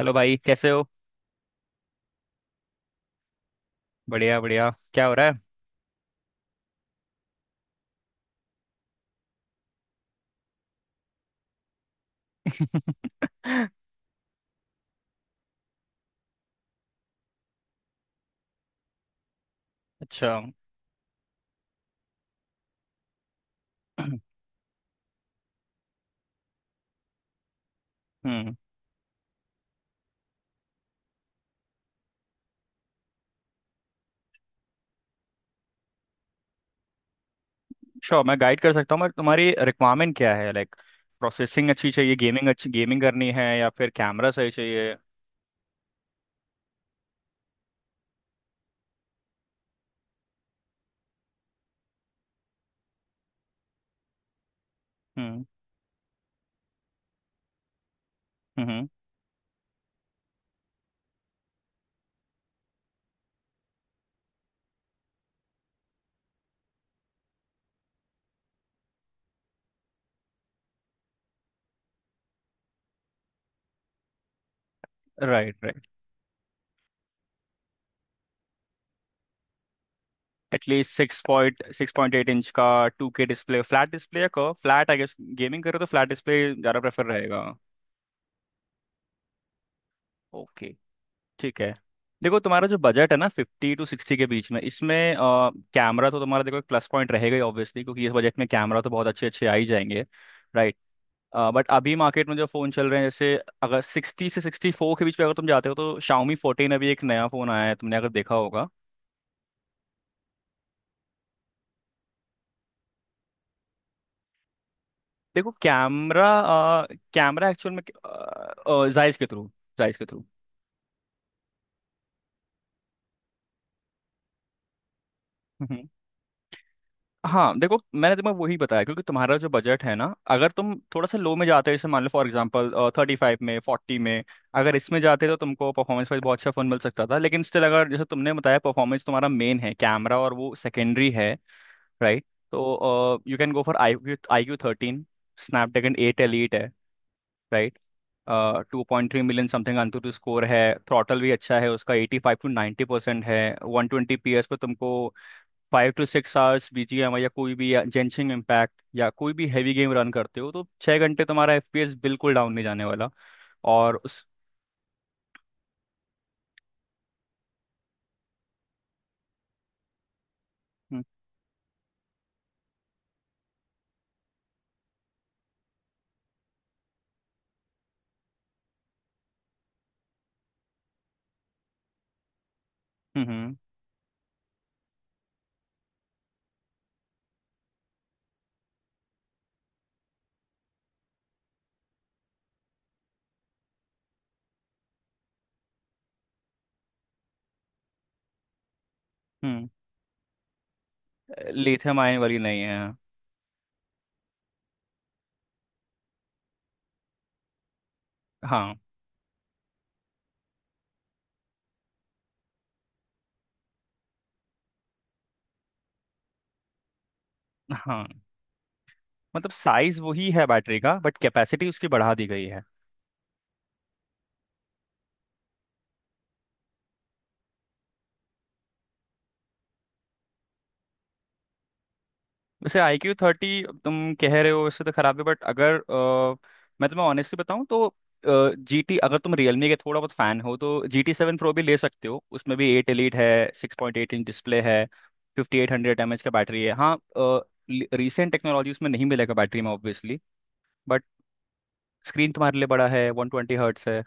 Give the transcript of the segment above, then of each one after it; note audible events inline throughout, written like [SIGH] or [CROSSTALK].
Hello भाई, कैसे हो। बढ़िया बढ़िया, क्या हो रहा है। अच्छा। [CLEARS THROAT] हम्म। श्योर, मैं गाइड कर सकता हूँ मगर तुम्हारी रिक्वायरमेंट क्या है? लाइक, प्रोसेसिंग अच्छी चाहिए, गेमिंग अच्छी, गेमिंग करनी है या फिर कैमरा सही चाहिए। हम्म। हम्म। Right right. एटलीस्ट 6.6-6.8 इंच का 2K डिस्प्ले, फ्लैट डिस्प्ले या curve? Flat I guess. Gaming करो तो फ्लैट डिस्प्ले ज़्यादा प्रेफर रहेगा। ओके, ठीक है। देखो, तुम्हारा जो बजट है ना, 50 से 60 के बीच में, इसमें कैमरा तो तुम्हारा देखो एक प्लस पॉइंट रहेगा ही, ऑब्वियसली, क्योंकि इस बजट में कैमरा तो बहुत अच्छे अच्छे आ ही जाएंगे। राइट। बट अभी मार्केट में जो फ़ोन चल रहे हैं, जैसे अगर 60 से 64 के बीच पे अगर तुम जाते हो, तो शाओमी 14, अभी एक नया फ़ोन आया है, तुमने अगर देखा होगा। देखो कैमरा, कैमरा एक्चुअल में जायज़ के थ्रू, जायज़ के थ्रू। हाँ देखो, मैंने तुम्हें वही बताया क्योंकि तुम्हारा जो बजट है ना, अगर तुम थोड़ा सा लो में जाते, जैसे मान लो फॉर एग्जांपल, 35 में, 40 में, अगर इसमें जाते तो तुमको परफॉर्मेंस वाइज बहुत अच्छा फोन मिल सकता था, लेकिन स्टिल अगर जैसे तुमने बताया, परफॉर्मेंस तुम्हारा मेन है, कैमरा और वो सेकेंडरी है। राइट। तो you can go for I Q, iQOO 13। Snapdragon eight elite है। Right. 2.3 million something AnTuTu score है। थ्रॉटल भी अच्छा है उसका, 85 से 90% है, 120 PS पे तुमको 5 से 6 आवर्स बीजीएम या कोई भी जेंशिंग इम्पैक्ट या कोई भी हैवी गेम रन करते हो तो 6 घंटे तुम्हारा एफपीएस बिल्कुल डाउन नहीं जाने वाला। और उस। हम्म। हम्म। हम्म। लिथियम आयन वाली नहीं है। हाँ। हाँ, मतलब साइज वही है बैटरी का बट कैपेसिटी उसकी बढ़ा दी गई है। वैसे आई क्यू थर्टी तुम कह रहे हो, वैसे तो खराब है, बट अगर मैं तुम्हें ऑनेस्टली बताऊं तो जी टी, अगर तुम रियलमी के थोड़ा बहुत फैन हो तो GT 7 Pro भी ले सकते हो, उसमें भी एट एलीट है। 6.8 इंच डिस्प्ले है। 5800 mAh का बैटरी है। हाँ, रिसेंट टेक्नोलॉजी उसमें नहीं मिलेगा बैटरी में, ऑब्वियसली। बट स्क्रीन तुम्हारे लिए बड़ा है, 120Hz है।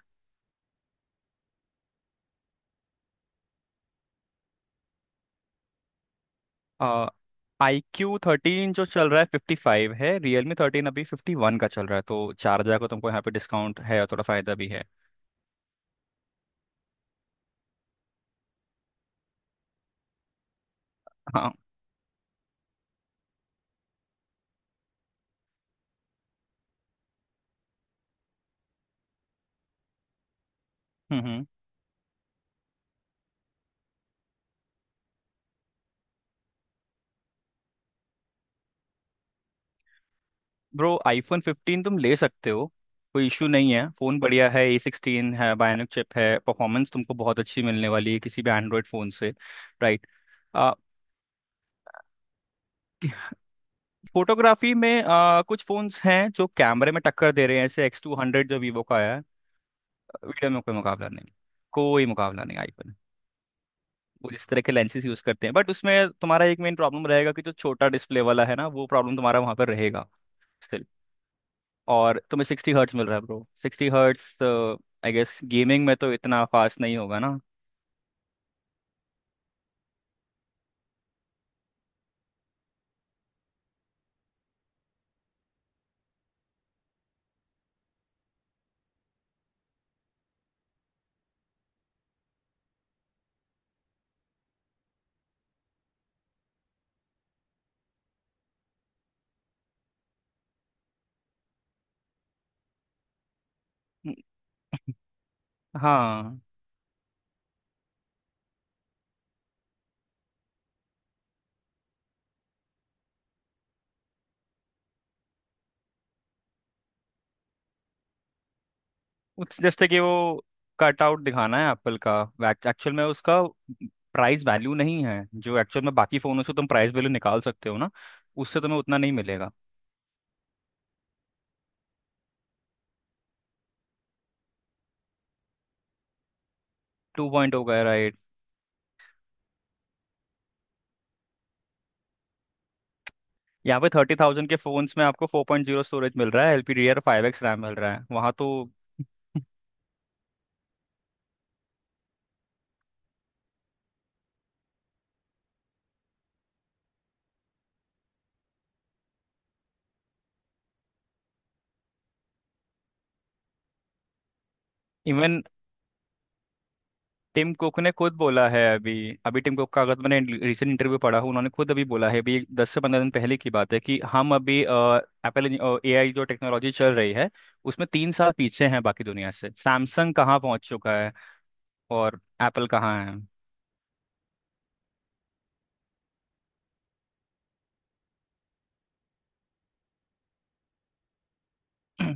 iQOO 13 जो चल रहा है 55 है, रियलमी 13 अभी 51 का चल रहा है, तो 4,000 का तुमको यहाँ पे डिस्काउंट है और थोड़ा फायदा भी है। हाँ। हम्म हम्म। ब्रो, iPhone 15 तुम ले सकते हो, कोई इशू नहीं है, फ़ोन बढ़िया है, A16 है, बायोनिक चिप है, परफॉर्मेंस तुमको बहुत अच्छी मिलने वाली है किसी भी एंड्रॉयड फ़ोन से। राइट। आ, फोटोग्राफी में कुछ फ़ोन्स हैं जो कैमरे में टक्कर दे रहे हैं, जैसे X200 जो वीवो का आया है। वीडियो में कोई मुकाबला नहीं, कोई मुकाबला नहीं आईफोन। वो जिस तरह के लेंसेज यूज़ करते हैं, बट उसमें तुम्हारा एक मेन प्रॉब्लम रहेगा कि जो छोटा डिस्प्ले वाला है ना, वो प्रॉब्लम तुम्हारा वहाँ पर रहेगा। और तुम्हें 60Hz मिल रहा है ब्रो, 60Hz। आई गेस गेमिंग में तो इतना फास्ट नहीं होगा ना। हम्म, हाँ। उस जैसे कि वो कट आउट दिखाना है एप्पल का। एक्चुअल में उसका प्राइस वैल्यू नहीं है, जो एक्चुअल में बाकी फ़ोनों से तुम प्राइस वैल्यू निकाल सकते हो ना, उससे तुम्हें उतना नहीं मिलेगा। टू पॉइंट हो गया, राइट। यहाँ पे 30,000 के फ़ोन्स में आपको 4.0 स्टोरेज मिल रहा है, LPDDR5X रैम मिल रहा है वहाँ तो। [LAUGHS] इवन टिम कुक ने खुद बोला है अभी। अभी टिम कुक का, अगर मैंने रिसेंट इंटरव्यू पढ़ा हूँ, उन्होंने खुद अभी बोला है, अभी 10 से 15 दिन पहले की बात है कि हम अभी एप्पल, एआई जो टेक्नोलॉजी चल रही है, उसमें 3 साल पीछे हैं बाकी दुनिया से। सैमसंग कहाँ पहुंच चुका है और एप्पल कहाँ है। [CLEARS THROAT]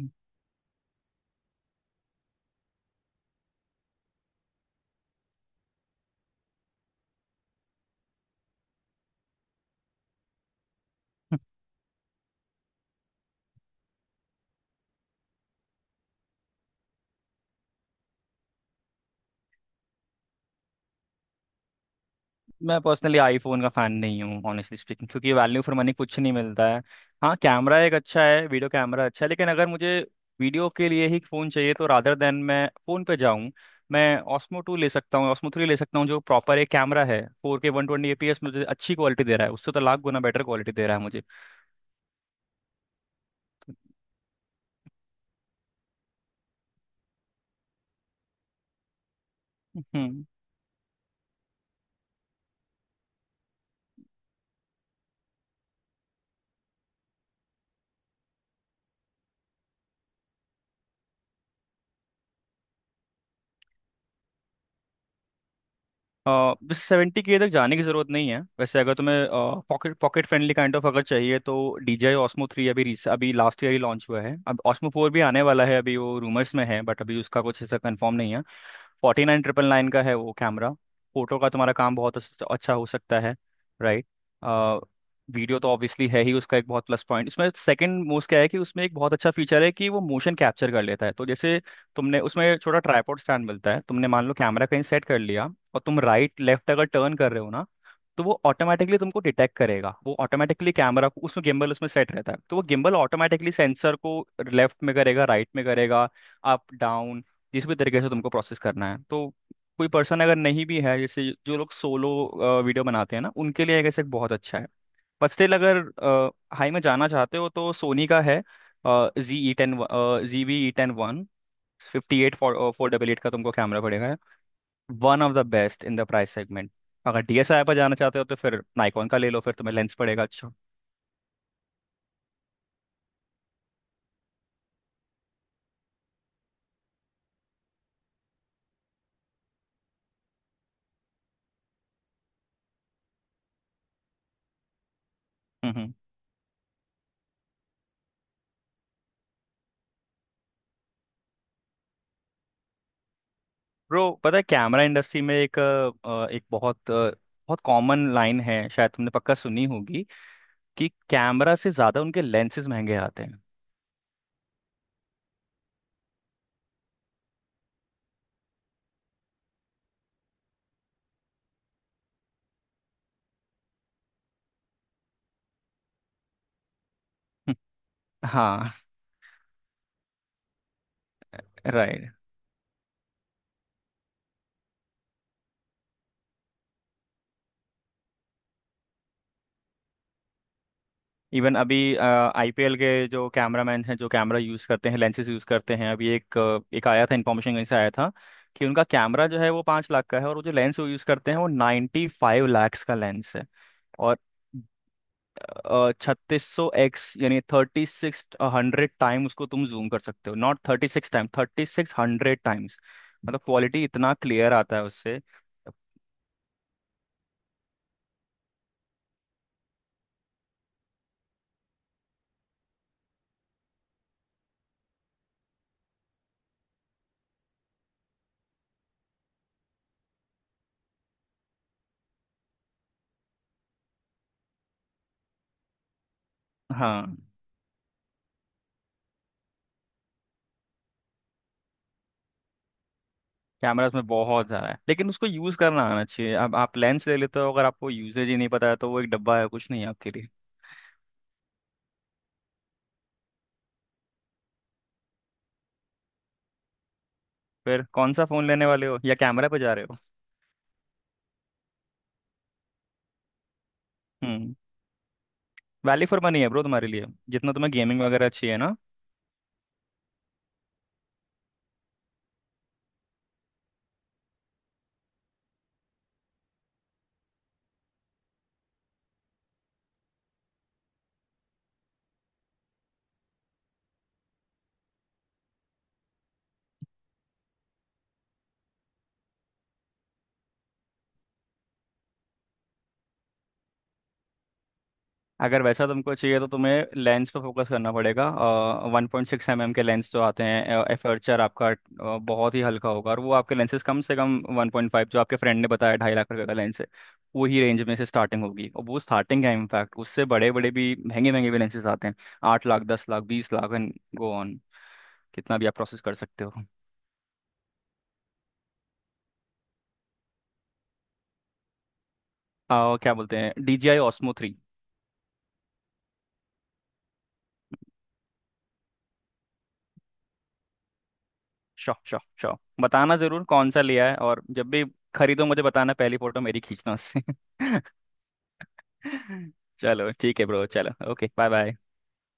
मैं पर्सनली आईफोन का फैन नहीं हूँ, ऑनेस्टली स्पीकिंग, क्योंकि वैल्यू फॉर मनी कुछ नहीं मिलता है। हाँ कैमरा एक अच्छा है, वीडियो कैमरा अच्छा है, लेकिन अगर मुझे वीडियो के लिए ही फ़ोन चाहिए तो रादर देन मैं फ़ोन पे जाऊँ, मैं ऑस्मो टू ले सकता हूँ, ऑस्मो थ्री ले सकता हूँ, जो प्रॉपर एक कैमरा है, 4K 120 FPS मुझे अच्छी क्वालिटी दे रहा है, उससे तो लाख गुना बेटर क्वालिटी दे रहा है मुझे। हम्म। अ, बस 70K तक जाने की ज़रूरत नहीं है वैसे, अगर तुम्हें pocket pocket friendly kind of अगर चाहिए तो DJI Osmo 3 अभी लास्ट ईयर ही लॉन्च हुआ है, अब Osmo 4 भी आने वाला है, अभी वो रूमर्स में है, बट अभी उसका कुछ ऐसा कंफर्म नहीं है। 49,999 का है वो कैमरा। फोटो का तुम्हारा काम बहुत अच्छा हो सकता है। राइट। वीडियो तो ऑब्वियसली है ही उसका एक बहुत प्लस पॉइंट, उसमें सेकंड मोस्ट क्या है कि उसमें एक बहुत अच्छा फीचर है कि वो मोशन कैप्चर कर लेता है, तो जैसे तुमने उसमें छोटा ट्राइपॉड स्टैंड मिलता है, तुमने मान लो कैमरा कहीं सेट कर लिया और तुम राइट लेफ्ट अगर टर्न कर रहे हो ना, तो वो ऑटोमेटिकली तुमको डिटेक्ट करेगा, वो ऑटोमेटिकली कैमरा को उसमें गिम्बल उसमें सेट रहता है, तो वो गिम्बल ऑटोमेटिकली सेंसर को लेफ्ट में करेगा, राइट में करेगा, अप डाउन, जिस भी तरीके से तुमको प्रोसेस करना है, तो कोई पर्सन अगर नहीं भी है, जैसे जो लोग सोलो वीडियो बनाते हैं ना, उनके लिए आई गेस एक बहुत अच्छा है। बट स्टिल अगर हाई में जाना चाहते हो तो सोनी का है G E ten, G B E ten one, fifty eight four four double eight का तुमको कैमरा पड़ेगा। One of the best in the price segment. अगर डीएसएलआर पर जाना चाहते हो तो फिर नाइकॉन का ले लो, फिर तुम्हें लेंस पड़ेगा अच्छा। हम्म। ब्रो पता है, कैमरा इंडस्ट्री में एक बहुत बहुत कॉमन लाइन है, शायद तुमने पक्का सुनी होगी कि कैमरा से ज्यादा उनके लेंसेज महंगे आते हैं। [LAUGHS] हाँ। राइट। इवन अभी आईपीएल के जो कैमरामैन हैं, जो कैमरा यूज़ करते हैं, लेंसेज यूज़ करते हैं, अभी एक आया था, इन्फॉर्मेशन कहीं से आया था कि उनका कैमरा जो है वो 5 लाख का है, और वो जो लेंस वो यूज़ करते हैं वो 95 लाख का लेंस है। और 3600x यानी 3600 times उसको तुम जूम कर सकते हो, नॉट 36 times, 3600 times। मतलब क्वालिटी इतना क्लियर आता है उससे। हाँ कैमरा उसमें बहुत सारा है लेकिन उसको यूज करना आना चाहिए। अब आप लेंस ले लेते हो अगर आपको यूजेज ही नहीं पता है तो वो एक डब्बा है, कुछ नहीं है आपके लिए। फिर कौन सा फोन लेने वाले हो या कैमरा पे जा रहे हो? हम्म। वैल्यू फॉर मनी है ब्रो तुम्हारे लिए, जितना तुम्हें गेमिंग वगैरह अच्छी है ना। अगर वैसा तुमको चाहिए तो तुम्हें लेंस पे फोकस करना पड़ेगा। 1.6 mm के लेंस जो आते हैं, एपर्चर आपका बहुत ही हल्का होगा, और वो आपके लेंसेज कम से कम 1.5, जो आपके फ्रेंड ने बताया ₹2.5 लाख का लेंस है, वही रेंज में से स्टार्टिंग होगी, और वो स्टार्टिंग है, इनफैक्ट उससे बड़े बड़े भी, महंगे महंगे भी लेंसेज आते हैं। 8 lakh, 10 lakh, 20 lakh, and go on. कितना भी आप प्रोसेस कर सकते हो। क्या बोलते हैं, D J I Osmo three. शॉ शॉ शॉ। बताना जरूर कौन सा लिया है, और जब भी खरीदो मुझे बताना, पहली फोटो मेरी खींचना उससे। [LAUGHS] चलो ठीक है ब्रो, चलो ओके बाय बाय।